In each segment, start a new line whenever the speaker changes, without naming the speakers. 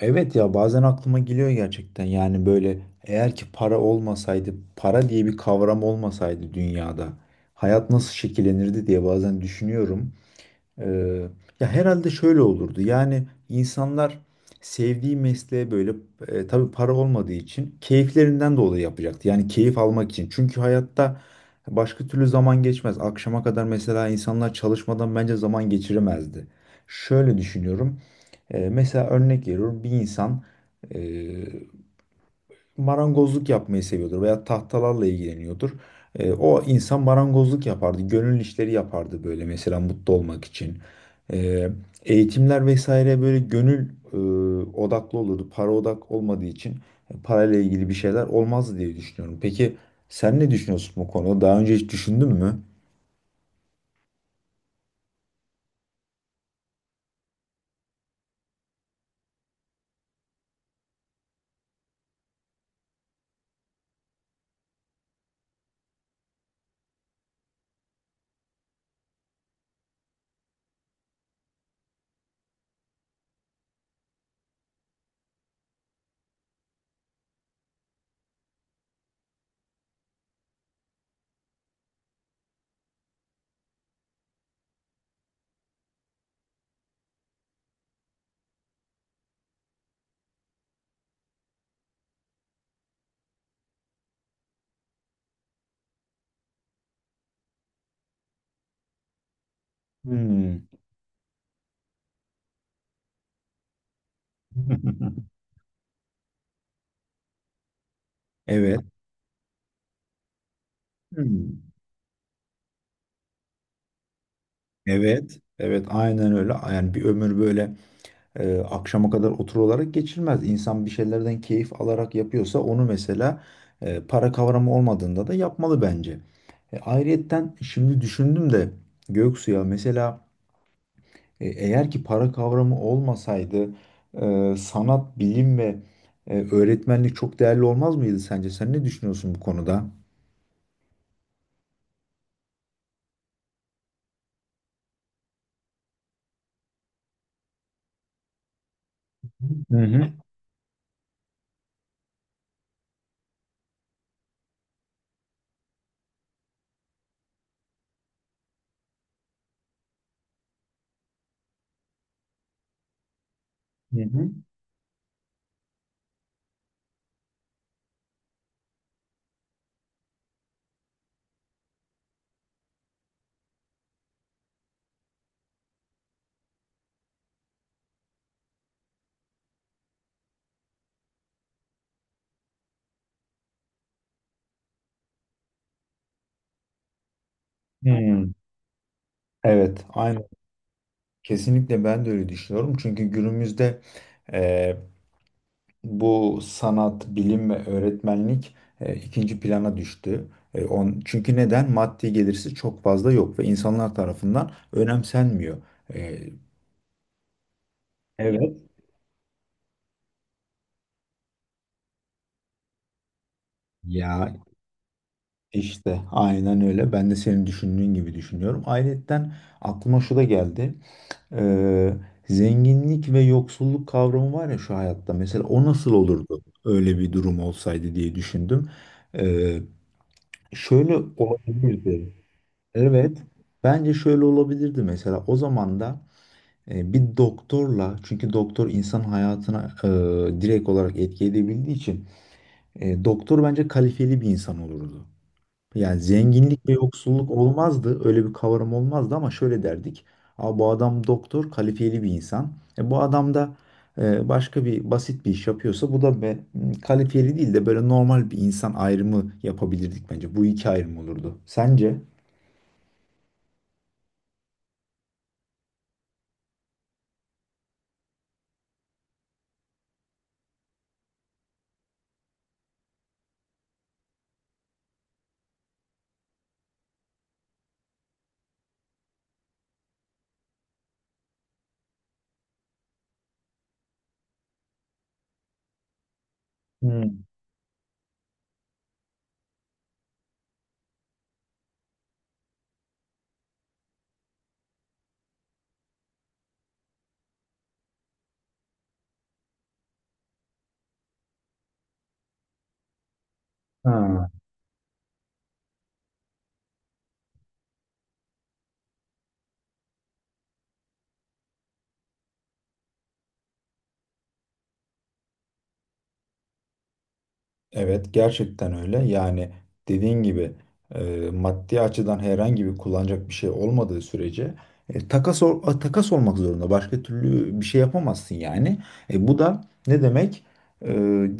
Evet, ya bazen aklıma geliyor gerçekten yani böyle eğer ki para olmasaydı para diye bir kavram olmasaydı dünyada hayat nasıl şekillenirdi diye bazen düşünüyorum. Ee, ya herhalde şöyle olurdu yani insanlar sevdiği mesleğe böyle tabii para olmadığı için keyiflerinden dolayı yapacaktı yani keyif almak için çünkü hayatta başka türlü zaman geçmez akşama kadar mesela insanlar çalışmadan bence zaman geçiremezdi. Şöyle düşünüyorum. Mesela örnek veriyorum bir insan e, marangozluk yapmayı seviyordur veya tahtalarla ilgileniyordur. O insan marangozluk yapardı, gönül işleri yapardı böyle mesela mutlu olmak için. E, eğitimler vesaire böyle gönül odaklı olurdu. Para odak olmadığı için parayla ilgili bir şeyler olmazdı diye düşünüyorum. Peki sen ne düşünüyorsun bu konuda? Daha önce hiç düşündün mü? Hmm. Evet. Hmm. Evet. Evet, aynen öyle. Yani bir ömür böyle akşama kadar oturularak olarak geçirmez. İnsan bir şeylerden keyif alarak yapıyorsa onu mesela para kavramı olmadığında da yapmalı bence. Ayrıyetten şimdi düşündüm de Göksu ya mesela eğer ki para kavramı olmasaydı sanat, bilim ve öğretmenlik çok değerli olmaz mıydı sence? Sen ne düşünüyorsun bu konuda? Hı hı. Hı hı. Hmm, evet, aynı. Kesinlikle ben de öyle düşünüyorum. Çünkü günümüzde bu sanat, bilim ve öğretmenlik ikinci plana düştü. Çünkü neden? Maddi gelirsi çok fazla yok ve insanlar tarafından önemsenmiyor. E, Evet. Ya, işte aynen öyle. Ben de senin düşündüğün gibi düşünüyorum. Ayrıyeten aklıma şu da geldi. Ee, zenginlik ve yoksulluk kavramı var ya şu hayatta. Mesela o nasıl olurdu öyle bir durum olsaydı diye düşündüm. Ee, şöyle olabilirdi. Evet. Bence şöyle olabilirdi mesela o zaman da bir doktorla çünkü doktor insan hayatına direkt olarak etki edebildiği için doktor bence kalifeli bir insan olurdu. Yani zenginlik ve yoksulluk olmazdı. Öyle bir kavram olmazdı ama şöyle derdik. Aa, bu adam doktor, kalifeli bir insan. Bu adam da başka bir basit bir iş yapıyorsa bu da kalifeli değil de böyle normal bir insan ayrımı yapabilirdik bence. Bu iki ayrım olurdu. Sence? Hmm. Ha. Evet, gerçekten öyle. Yani dediğin gibi maddi açıdan herhangi bir kullanacak bir şey olmadığı sürece takas olmak zorunda. Başka türlü bir şey yapamazsın yani. Bu da ne demek? E,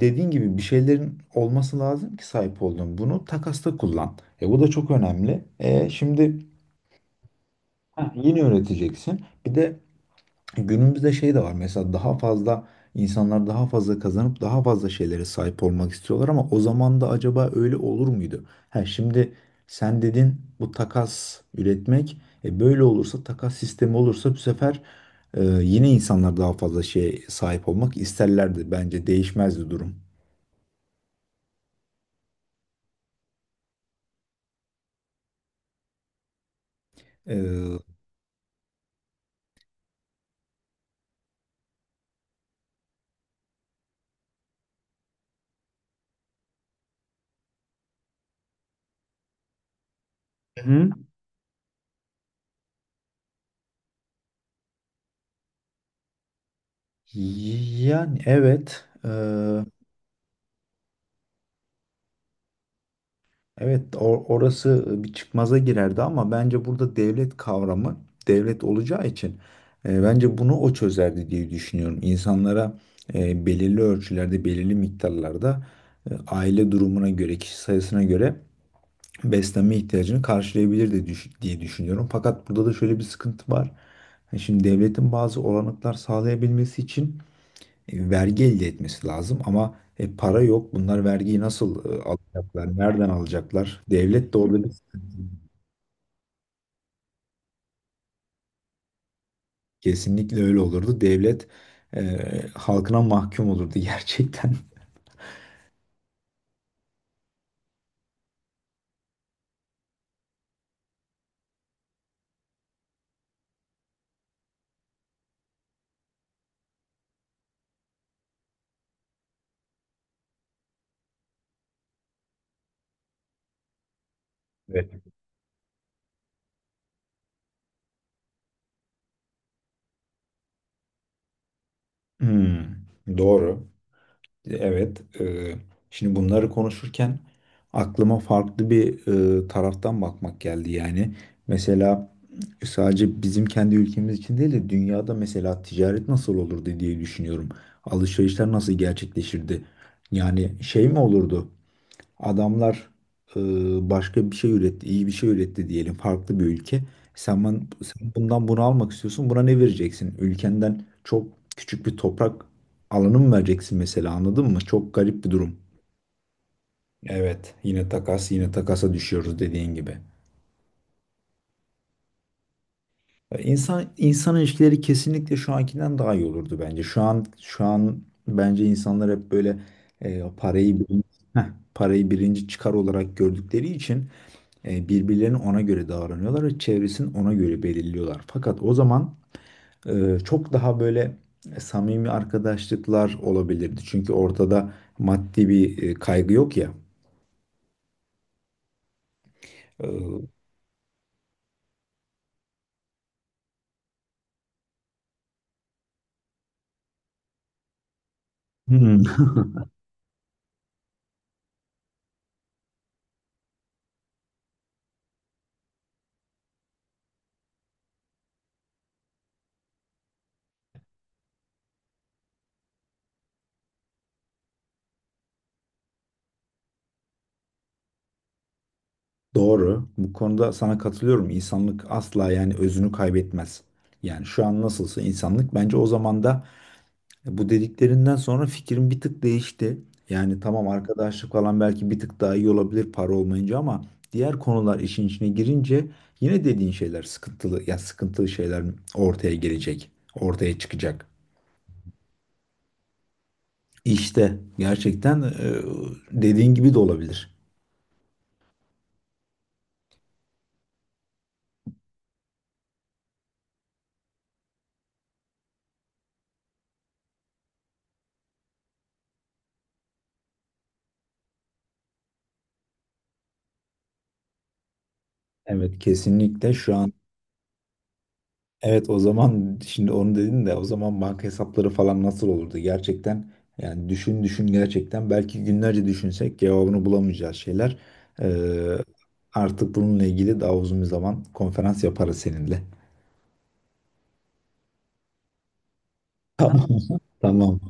dediğin gibi bir şeylerin olması lazım ki sahip olduğun bunu takasta kullan. Bu da çok önemli. Şimdi Yeni öğreteceksin. Bir de günümüzde şey de var mesela, daha fazla insanlar daha fazla kazanıp daha fazla şeylere sahip olmak istiyorlar ama o zaman da acaba öyle olur muydu? Ha, şimdi sen dedin bu takas üretmek, böyle olursa takas sistemi olursa bu sefer yine insanlar daha fazla şeye sahip olmak isterlerdi bence değişmezdi durum. Hı. Yani, evet. Evet, orası bir çıkmaza girerdi ama bence burada devlet kavramı devlet olacağı için bence bunu o çözerdi diye düşünüyorum. İnsanlara belirli ölçülerde, belirli miktarlarda aile durumuna göre, kişi sayısına göre beslenme ihtiyacını karşılayabilirdi diye düşünüyorum. Fakat burada da şöyle bir sıkıntı var. Şimdi devletin bazı olanaklar sağlayabilmesi için vergi elde etmesi lazım ama para yok. Bunlar vergiyi nasıl alacaklar? Nereden alacaklar? Devlet de orada bir sıkıntı. Kesinlikle öyle olurdu. Devlet halkına mahkum olurdu gerçekten. Evet. Hmm, doğru. Evet, şimdi bunları konuşurken aklıma farklı bir taraftan bakmak geldi yani. Mesela sadece bizim kendi ülkemiz için değil de dünyada mesela ticaret nasıl olurdu diye düşünüyorum. Alışverişler nasıl gerçekleşirdi? Yani şey mi olurdu? Adamlar e, başka bir şey üretti, iyi bir şey üretti diyelim farklı bir ülke. Sen, ben, sen bundan bunu almak istiyorsun. Buna ne vereceksin? Ülkenden çok küçük bir toprak alanı mı vereceksin mesela, anladın mı? Çok garip bir durum. Evet, yine takas, yine takasa düşüyoruz dediğin gibi. Ya, insan ilişkileri kesinlikle şu ankinden daha iyi olurdu bence. Şu an bence insanlar hep böyle e, parayı birinci, heh, parayı birinci çıkar olarak gördükleri için birbirlerine ona göre davranıyorlar ve çevresini ona göre belirliyorlar. Fakat o zaman çok daha böyle samimi arkadaşlıklar olabilirdi. Çünkü ortada maddi bir kaygı yok ya. E, Hmm. Doğru. Bu konuda sana katılıyorum. İnsanlık asla yani özünü kaybetmez. Yani şu an nasılsa insanlık bence o zaman da... Bu dediklerinden sonra fikrim bir tık değişti. Yani tamam arkadaşlık falan belki bir tık daha iyi olabilir para olmayınca ama diğer konular işin içine girince yine dediğin şeyler sıkıntılı, ya sıkıntılı şeyler ortaya gelecek, ortaya çıkacak. İşte gerçekten dediğin gibi de olabilir. Evet, kesinlikle şu an... Evet, o zaman şimdi onu dedin de, o zaman banka hesapları falan nasıl olurdu? Gerçekten yani düşün düşün gerçekten belki günlerce düşünsek cevabını bulamayacağız şeyler. Ee, artık bununla ilgili daha uzun bir zaman konferans yaparız seninle. Tamam. Tamam. Tamam.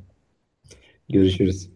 Görüşürüz.